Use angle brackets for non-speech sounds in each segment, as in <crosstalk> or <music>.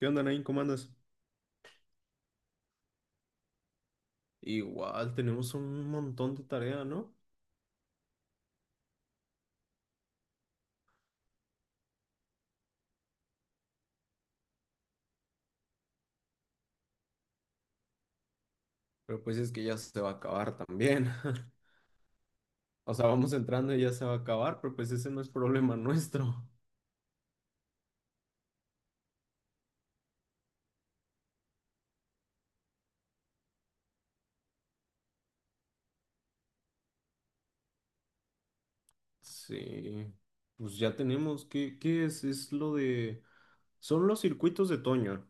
¿Qué onda, Nain? ¿Cómo andas? Igual tenemos un montón de tarea, ¿no? Pero pues es que ya se va a acabar también. <laughs> O sea, vamos entrando y ya se va a acabar, pero pues ese no es problema <laughs> nuestro. Sí, pues ya tenemos. ¿Qué, qué es? Es lo de... Son los circuitos de Toño.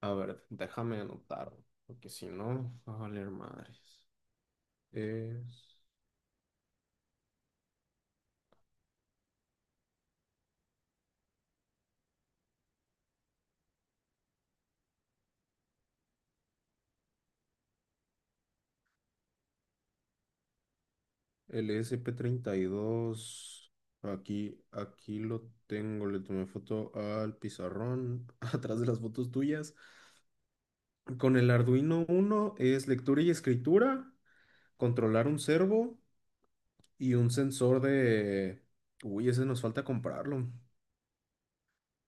A ver, déjame anotar, porque si no, va a valer madres. Es... El SP32 aquí, lo tengo, le tomé foto al pizarrón, <laughs> atrás de las fotos tuyas. Con el Arduino 1 es lectura y escritura, controlar un servo y un sensor de... Uy, ese nos falta comprarlo.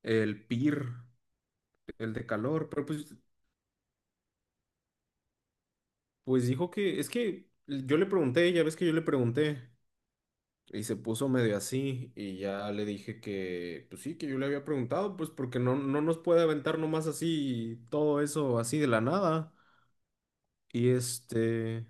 El PIR, el de calor, pero pues, pues dijo que, es que yo le pregunté, ya ves que yo le pregunté. Y se puso medio así y ya le dije que, pues sí, que yo le había preguntado, pues porque no, no nos puede aventar nomás así todo eso así de la nada. Y este,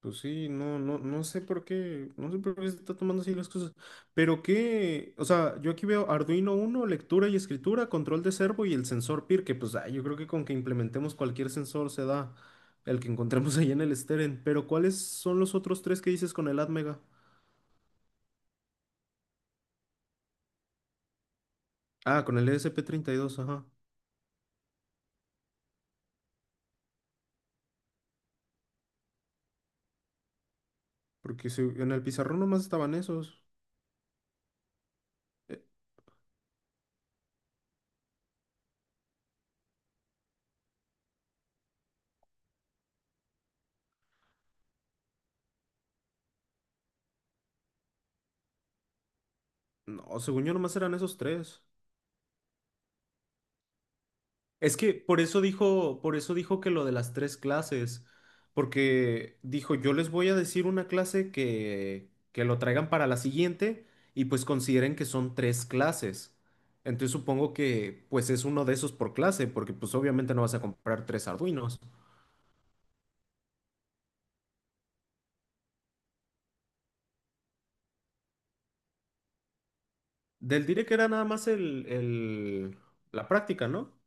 pues sí, no, no, no sé por qué, no sé por qué se está tomando así las cosas. Pero qué, o sea, yo aquí veo Arduino 1 lectura y escritura, control de servo y el sensor PIR, que pues ah, yo creo que con que implementemos cualquier sensor se da el que encontremos <laughs> ahí en el Steren. Pero ¿cuáles son los otros tres que dices con el ATmega? Ah, con el ESP2 ajá. Porque en el pizarrón nomás estaban esos. Eh, no, según yo nomás eran esos tres. Es que por eso dijo que lo de las tres clases. Porque dijo, yo les voy a decir una clase que, lo traigan para la siguiente y pues consideren que son tres clases. Entonces supongo que pues es uno de esos por clase, porque pues obviamente no vas a comprar tres Arduinos. Del diré que era nada más el, la práctica, ¿no?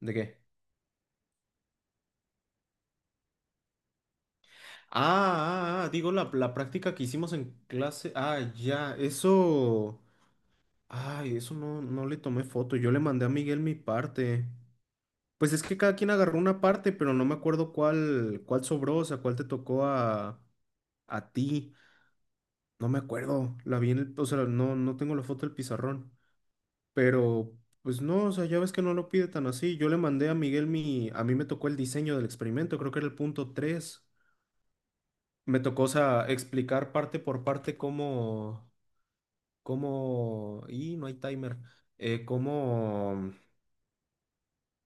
¿De qué? Ah, ah, ah, digo la práctica que hicimos en clase. Ah, ya, eso. Ay, eso no, no le tomé foto. Yo le mandé a Miguel mi parte. Pues es que cada quien agarró una parte, pero no me acuerdo cuál, sobró, o sea, cuál te tocó a ti. No me acuerdo. La vi en el, o sea, no, no tengo la foto del pizarrón. Pero, pues no, o sea, ya ves que no lo pide tan así. Yo le mandé a Miguel mi. A mí me tocó el diseño del experimento, creo que era el punto 3. Me tocó, o sea, explicar parte por parte cómo, cómo, y no hay timer, cómo,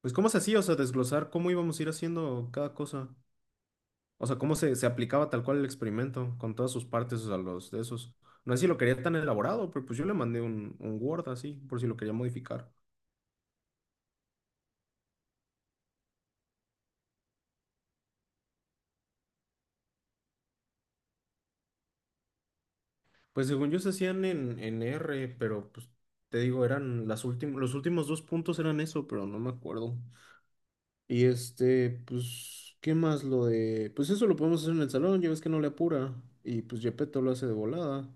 pues cómo se hacía, o sea, desglosar cómo íbamos a ir haciendo cada cosa, o sea, cómo se aplicaba tal cual el experimento con todas sus partes, o sea, los de esos. No sé si lo quería tan elaborado, pero pues yo le mandé un Word así, por si lo quería modificar. Pues según yo se hacían en, R, pero pues te digo, eran las últimas, los últimos dos puntos eran eso, pero no me acuerdo. Y este, pues, ¿qué más lo de...? Pues eso lo podemos hacer en el salón, ya ves que no le apura. Y pues Gepetto lo hace de volada.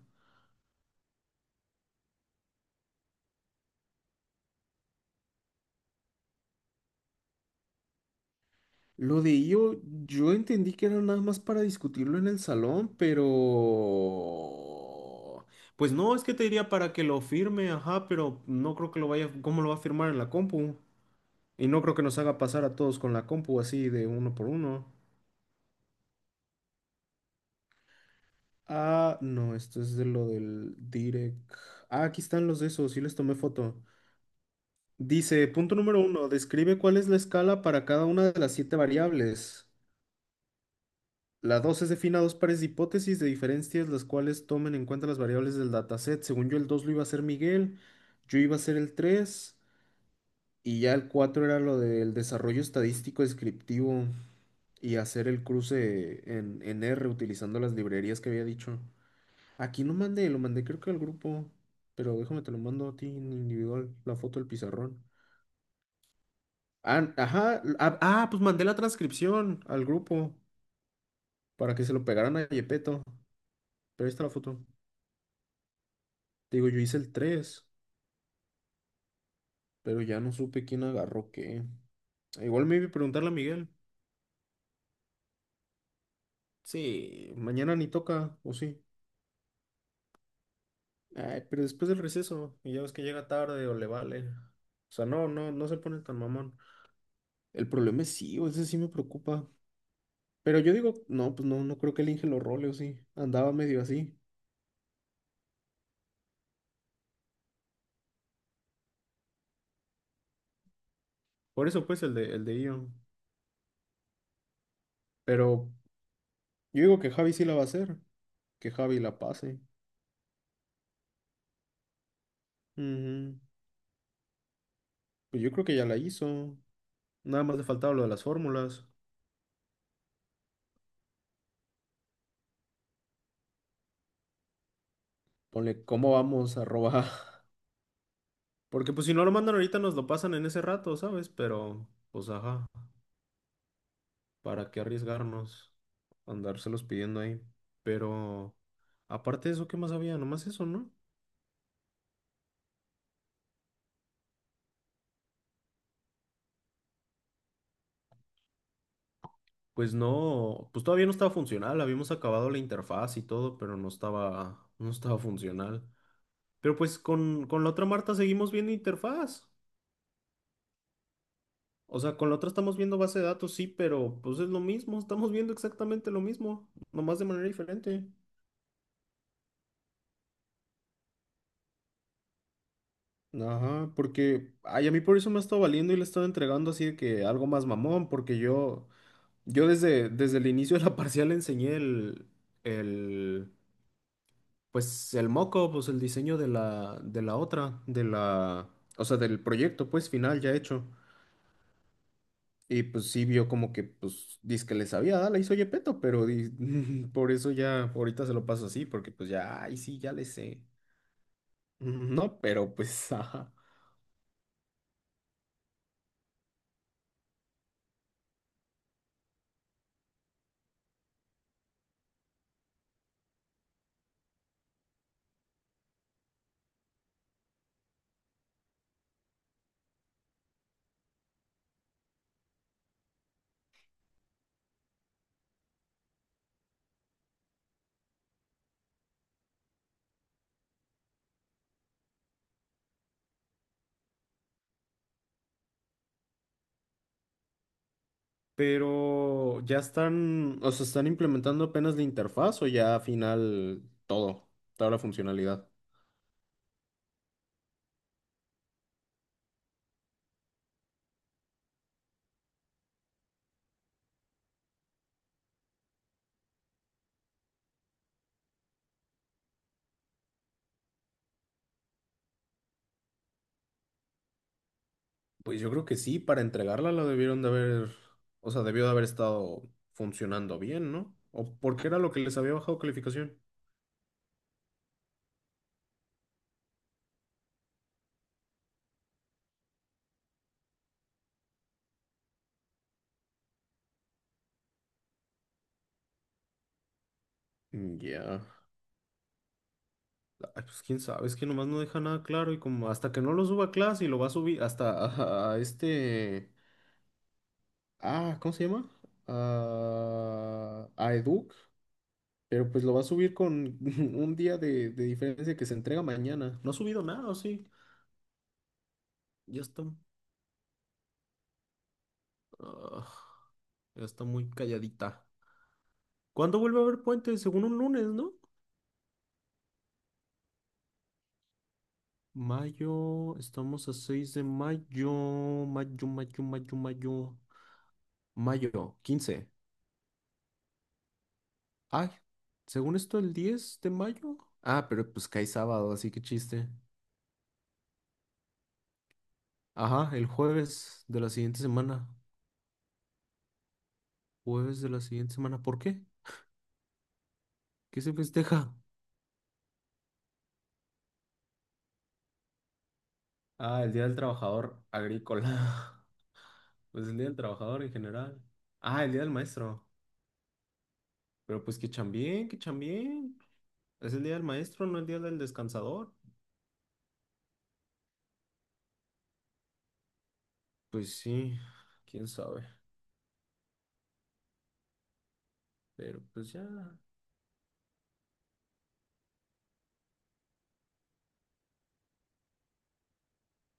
Lo de yo, yo entendí que era nada más para discutirlo en el salón, pero... Pues no, es que te diría para que lo firme, ajá, pero no creo que lo vaya... ¿Cómo lo va a firmar en la compu? Y no creo que nos haga pasar a todos con la compu así de uno por uno. Ah, no, esto es de lo del direct. Ah, aquí están los de esos, sí les tomé foto. Dice, punto número uno, describe cuál es la escala para cada una de las siete variables. La 2 es defina dos pares de hipótesis de diferencias, las cuales tomen en cuenta las variables del dataset. Según yo, el 2 lo iba a hacer Miguel, yo iba a hacer el 3 y ya el 4 era lo del desarrollo estadístico descriptivo y hacer el cruce en, R utilizando las librerías que había dicho. Aquí no mandé, lo mandé creo que al grupo, pero déjame te lo mando a ti en individual, la foto del pizarrón. Ah, ajá. Ah, ah, pues mandé la transcripción al grupo para que se lo pegaran a Yepeto. Pero ahí está la foto. Te digo, yo hice el tres, pero ya no supe quién agarró qué. Igual me iba a preguntarle a Miguel. Sí, mañana ni toca, o sí. Ay, pero después del receso, y ya ves que llega tarde o le vale. O sea, no, no, no se pone tan mamón. El problema es sí, o ese sí me preocupa. Pero yo digo, no, pues no, no creo que el Inge lo role, o sí. Andaba medio así. Por eso, pues, el de Ion. Pero yo digo que Javi sí la va a hacer, que Javi la pase. Ujú. Pues yo creo que ya la hizo. Nada más le faltaba lo de las fórmulas. Ponle cómo vamos a robar. <laughs> Porque pues si no lo mandan ahorita nos lo pasan en ese rato, ¿sabes? Pero pues ajá, ¿para qué arriesgarnos? Andárselos pidiendo ahí. Pero aparte de eso, ¿qué más había? Nomás eso, ¿no? Pues no, pues todavía no estaba funcional. Habíamos acabado la interfaz y todo, pero no estaba, no estaba funcional. Pero pues con, la otra Marta seguimos viendo interfaz. O sea, con la otra estamos viendo base de datos, sí, pero pues es lo mismo, estamos viendo exactamente lo mismo, nomás de manera diferente. Ajá, porque, ay, a mí por eso me ha estado valiendo y le he estado entregando así de que algo más mamón, porque yo desde, el inicio de la <laughs> parcial enseñé el, pues el moco, pues el diseño de la, otra, de la, o sea, del proyecto, pues final ya hecho. Y pues sí vio como que, pues, dice que le sabía, ah, la hizo Yepeto, pero <laughs> por eso ya ahorita se lo paso así, porque pues ya, ay, sí, ya le sé. No, pero pues, <laughs> ajá. Pero ya están, o sea, están implementando apenas la interfaz o ya al final todo, toda la funcionalidad. Pues yo creo que sí, para entregarla la debieron de haber, o sea, debió de haber estado funcionando bien, ¿no? ¿O porque era lo que les había bajado calificación? Ya. Ay, pues quién sabe, es que nomás no deja nada claro y como hasta que no lo suba a clase y lo va a subir hasta a, este... Ah, ¿cómo se llama? A, Educ, pero pues lo va a subir con <laughs> un día de, diferencia que se entrega mañana. No ha subido nada, ¿o sí? Ya está, ah, ya está muy calladita. ¿Cuándo vuelve a haber puente? Según un lunes, ¿no? Mayo, estamos a 6 de mayo, mayo, mayo, mayo, mayo, mayo, quince. Ay, según esto, el 10 de mayo. Ah, pero pues cae sábado, así que chiste. Ajá, el jueves de la siguiente semana. Jueves de la siguiente semana. ¿Por qué? ¿Qué se festeja? Ah, el Día del Trabajador Agrícola. <laughs> Pues el Día del Trabajador en general. Ah, el Día del Maestro. Pero pues que chambien, que chambien. Es el Día del Maestro, no el Día del Descansador. Pues sí, quién sabe. Pero pues ya.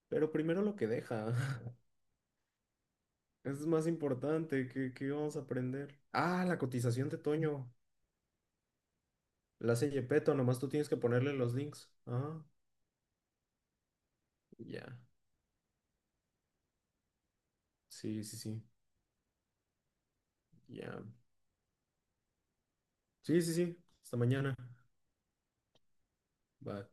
Pero primero lo que deja. Eso es más importante. ¿Qué, qué vamos a aprender? Ah, la cotización de Toño. La hace Yepeto, nomás tú tienes que ponerle los links. Ah, ya. Sí, sí, sí. Ya. Sí, sí, sí. Hasta mañana. Bye.